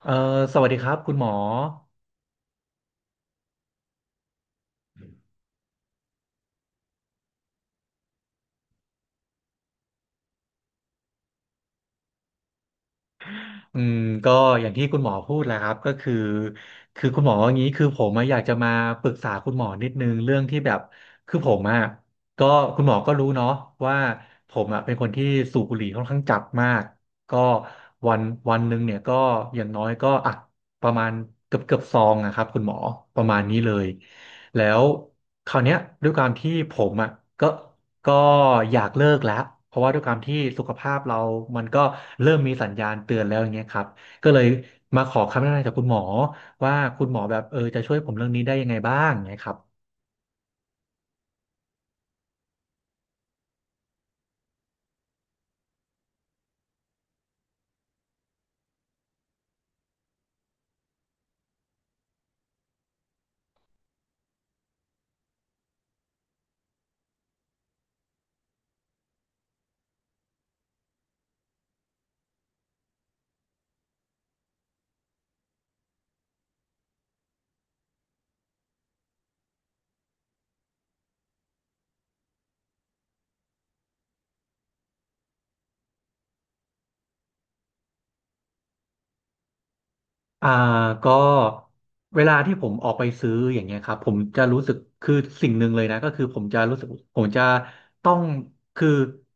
เอ่อสวัสดีครับคุณหมออืมก็อย่างที่คุณหมอพูดแหละครับก็คือคุณหมออย่างนี้คือผมอะอยากจะมาปรึกษาคุณหมอนิดนึงเรื่องที่แบบคือผมอะก็คุณหมอก็รู้เนาะว่าผมอะเป็นคนที่สูบบุหรี่ค่อนข้างจัดมากก็วันวันหนึ่งเนี่ยก็อย่างน้อยก็อ่ะประมาณเกือบซองนะครับคุณหมอประมาณนี้เลยแล้วคราวเนี้ยด้วยความที่ผมอ่ะก็ ก็อยากเลิกแล้วเพราะว่าด้วยความที่สุขภาพเรามันก็เริ่มมีสัญญาณเตือนแล้วอย่างเงี้ยครับก็เลยมาขอคำแนะนำจากคุณหมอว่าคุณหมอแบบจะช่วยผมเรื่องนี้ได้ยังไงบ้างอย่างเงี้ยครับ อ่าก็เวลาที่ผมออกไปซื้ออย่างเงี้ยครับผมจะรู้สึกคือสิ่งหนึ่งเลยนะก็คือผมจะรู้สึกผมจะต้องคือ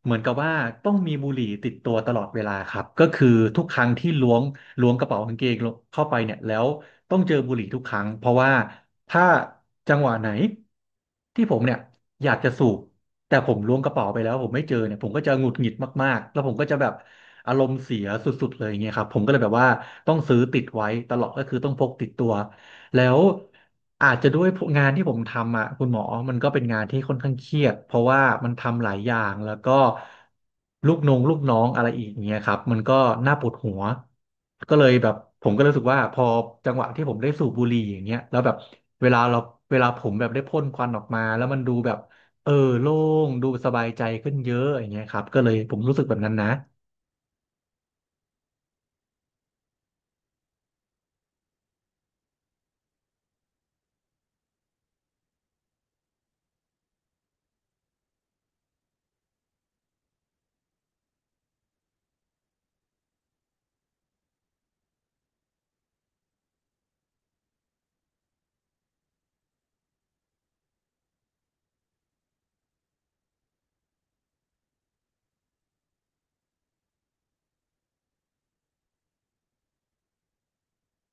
เหมือนกับว่าต้องมีบุหรี่ติดตัวตลอดเวลาครับก็คือทุกครั้งที่ล้วงกระเป๋ากางเกงเข้าไปเนี่ยแล้วต้องเจอบุหรี่ทุกครั้งเพราะว่าถ้าจังหวะไหนที่ผมเนี่ยอยากจะสูบ แต่ผมล้วงกระเป๋าไปแล้วผมไม่เจอเนี่ยผมก็จะหงุดหงิดมากๆแล้วผมก็จะแบบอารมณ์เสียสุดๆเลยอย่างเงี้ยครับผมก็เลยแบบว่าต้องซื้อติดไว้ตลอดก็คือต้องพกติดตัวแล้วอาจจะด้วยงานที่ผมทำอ่ะคุณหมอมันก็เป็นงานที่ค่อนข้างเครียดเพราะว่ามันทำหลายอย่างแล้วก็ลูกน้องอะไรอีกอย่างเงี้ยครับมันก็น่าปวดหัวก็เลยแบบผมก็รู้สึกว่าพอจังหวะที่ผมได้สูบบุหรี่อย่างเงี้ยแล้วแบบเวลาเราเวลาผมแบบได้พ่นควันออกมาแล้วมันดูแบบ เออโล่งดูสบายใจขึ้นเยอะอย่างเงี้ยครับก็เลยผมรู้สึกแบบนั้นนะ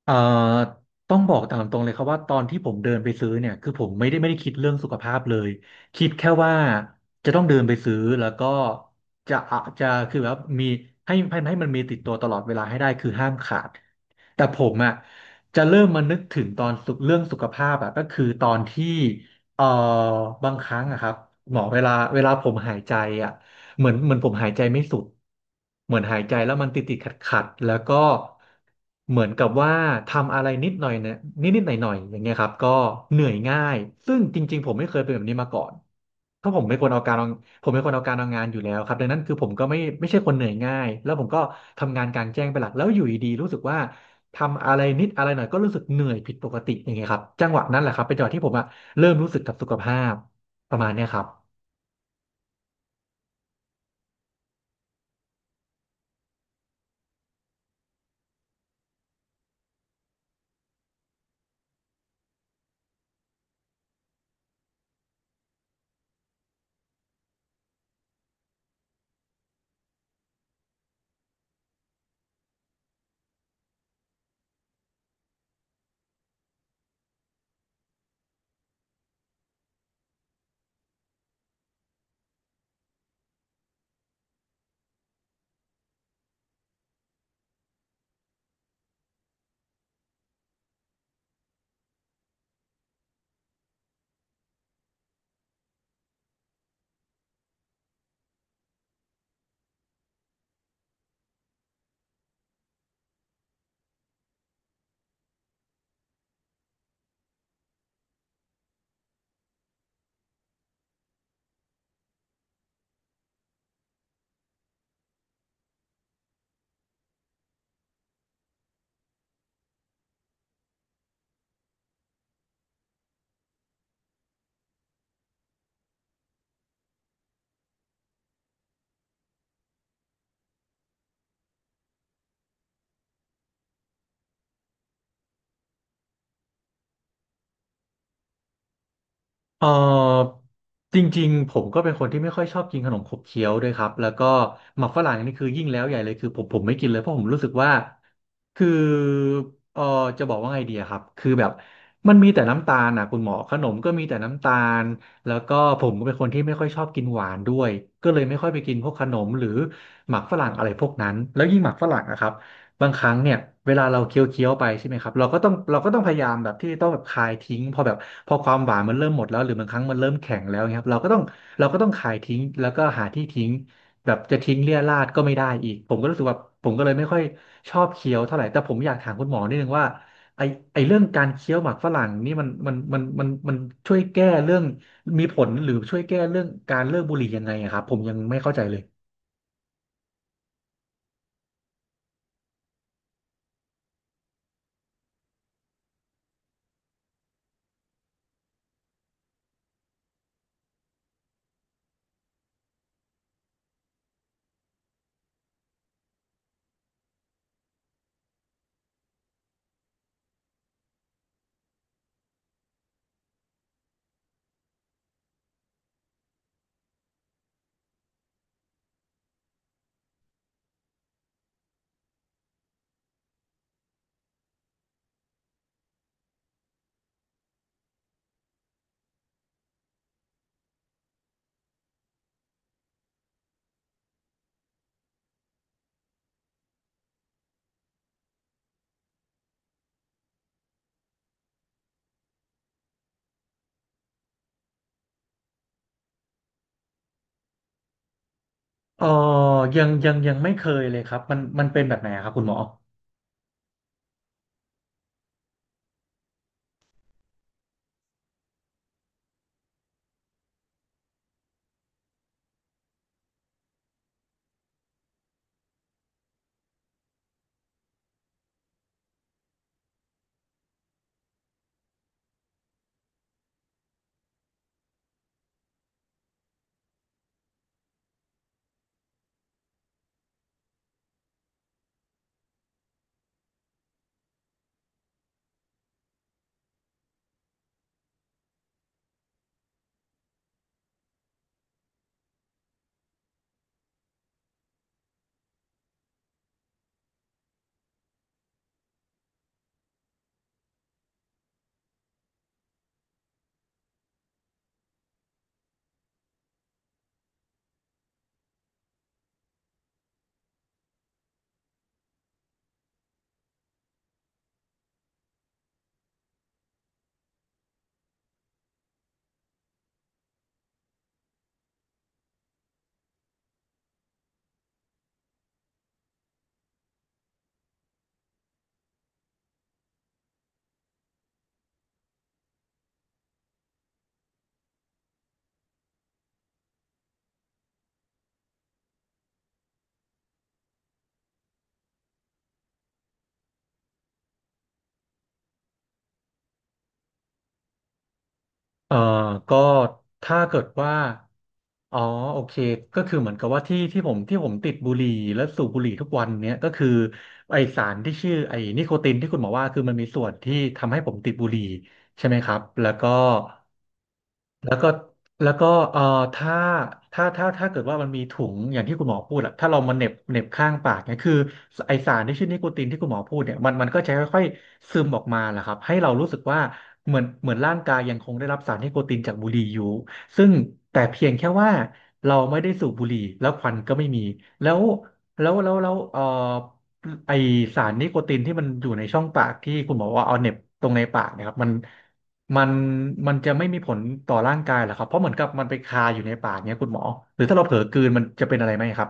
เอ่อต้องบอกตามตรงเลยครับว่าตอนที่ผมเดินไปซื้อเนี่ยคือผมไม่ได้คิดเรื่องสุขภาพเลยคิดแค่ว่าจะต้องเดินไปซื้อแล้วก็จะอะจะคือแบบมีให้มันมีติดตัวตลอดเวลาให้ได้คือห้ามขาดแต่ผมอ่ะจะเริ่มมานึกถึงตอนสุขเรื่องสุขภาพอ่ะก็คือตอนที่เอ่อบางครั้งอะครับหมอเวลาผมหายใจอ่ะ เหมือนผมหายใจไม่สุดเหมือนหายใจแล้วมันติดขัดแล้วก็เหมือนกับว่าทำอะไรนิดหน่อยเนี่ยนิดหน่อยๆอย่างเงี้ยครับก็เหนื่อยง่ายซึ่งจริงๆผมไม่เคยเป็นแบบนี้มาก่อนเพราะผมเป็นคนเอาการเอาผมเป็นคนเอาการเอางานอยู่แล้วครับดังนั้นคือผมก็ไม่ใช่คนเหนื่อยง่ายแล้วผมก็ทำงานกลางแจ้งเป็นหลักแล้วอยู่ดีๆรู้สึกว่าทำอะไรนิดอะไรหน่อยก็รู้สึกเหนื่อยผิดปกติอย่างเงี้ยครับจังหวะนั้นแหละครับเป็นจังหวะที่ผมอะเริ่มรู้สึกกับสุขภาพประมาณเนี้ยครับ เออจริงๆผมก็เป็นคนที่ไม่ค่อยชอบกินขนมขบเคี้ยวด้วยครับแล้วก็หมักฝรั่งนี่คือยิ่งแล้วใหญ่เลยคือผมไม่กินเลยเพราะผมรู้สึกว่าคือเออจะบอกว่าไงดีอะครับคือแบบมันมีแต่น้ำตาลนะคุณหมอขนมก็มีแต่น้ำตาลแล้วก็ผมก็เป็นคนที่ไม่ค่อยชอบกินหวานด้วยก็เลยไม่ค่อยไปกินพวกขนมหรือหมักฝรั่งอะไรพวกนั้นแล้วยิ่งหมักฝรั่งนะครับ บางครั้งเนี่ยเวลาเราเคี้ยวไปใช่ไหมครับเราก็ต้องพยายามแบบที่ต้องแบบคายทิ้งพอแบบพอความหวานมันเริ่มหมดแล้วหรือบางครั้งมันเริ่มแข็งแล้วเงี้ยครับเราก็ต้องคายทิ้งแล้วก็หาที่ทิ้งแบบจะทิ้งเรี่ยราดก็ไม่ได้อีกผมก็รู้สึกว่าผมก็เลยไม่ค่อยชอบเคี้ยวเท่าไหร่แต่ผมอยากถามคุณหมอนิดนึงว่าไอไอเรื่องการเคี้ยวหมากฝรั่งนี่มันช่วยแก้เรื่องมีผลหรือช่วยแก้เรื่องการเลิกบุหรี่ยังไงอะครับผมยังไม่เข้าใจเลย เออยังไม่เคยเลยครับ มันเป็นแบบไหนอะครับคุณหมอเอ่อก็ถ้าเกิดว่าอ๋อโอเคก็คือเหมือนกับว่าที่ผมติดบุหรี่และสูบบุหรี่ทุกวันเนี้ยก็คือไอสารที่ชื่อไอนิโคตินที่คุณหมอว่าคือมันมีส่วนที่ทำให้ผมติดบุหรี่ใช่ไหมครับ แล้วก็ แล้วก็แล้วก็ถ้าถ้าเกิดว่ามันมีถุงอย่างที่คุณหมอพูดอะถ้าเรามาเหน็บข้างปากเนี่ยคือไอสารที่ชื่อนิโคตินที่คุณหมอพูดเนี่ยมันก็จะค่อยๆซึมออกมาแหละครับให้เรารู้สึกว่าเหมือนร่างกายยังคงได้รับสารนิโคตินจากบุหรี่อยู่ซึ่งแต่เพียงแค่ว่าเราไม่ได้สูบบุหรี่แล้วควันก็ไม่มีแล้วแล้วไอสารนิโคตินที่มันอยู่ในช่องปากที่คุณหมอว่าเอาเหน็บตรงในปากเนะครับมัน มันมันจะไม่มีผลต่อร่างกายเหรอครับเพราะเหมือนกับมันไปคาอยู่ในปากเนี้ยคุณหมอหรือถ้าเราเผลอกลืนมันจะเป็นอะไรไหมครับ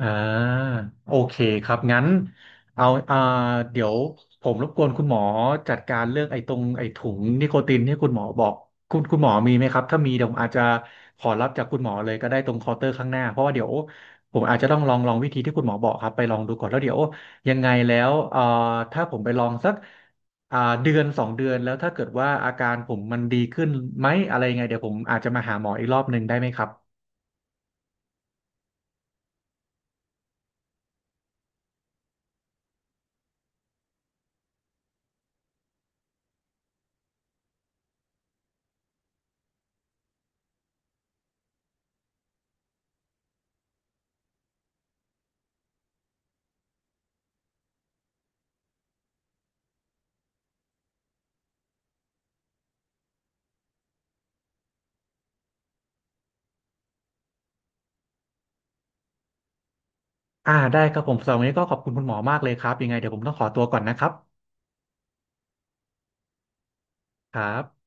อ่าโอเคครับงั้นเอาเดี๋ยวผมรบกวนคุณหมอจัดการเรื่องไอ้ตรงไอ้ถุงนิโคตินที่คุณหมอบอกคุณหมอมีไหมครับถ้ามีเดี๋ยวผมอาจจะขอรับจากคุณหมอเลยก็ได้ตรงเคาน์เตอร์ข้างหน้าเพราะว่าเดี๋ยวผมอาจจะต้องลองวิธีที่คุณหมอบอกครับไปลองดูก่อนแล้วเดี๋ยวยังไงแล้วถ้าผมไปลองสักอ่าเดือนสองเดือนแล้วถ้าเกิดว่าอาการผมมันดีขึ้นไหมอะไรยังไงเดี๋ยวผมอาจจะมาหาหมออีกรอบหนึ่งได้ไหมครับ อ่าได้ครับผมสำหรับวันนี้ก็ขอบคุณคุณหมอมากเลยครับยังไงเดี๋ยวผมต้องขอตัวก่อนนะครับครับ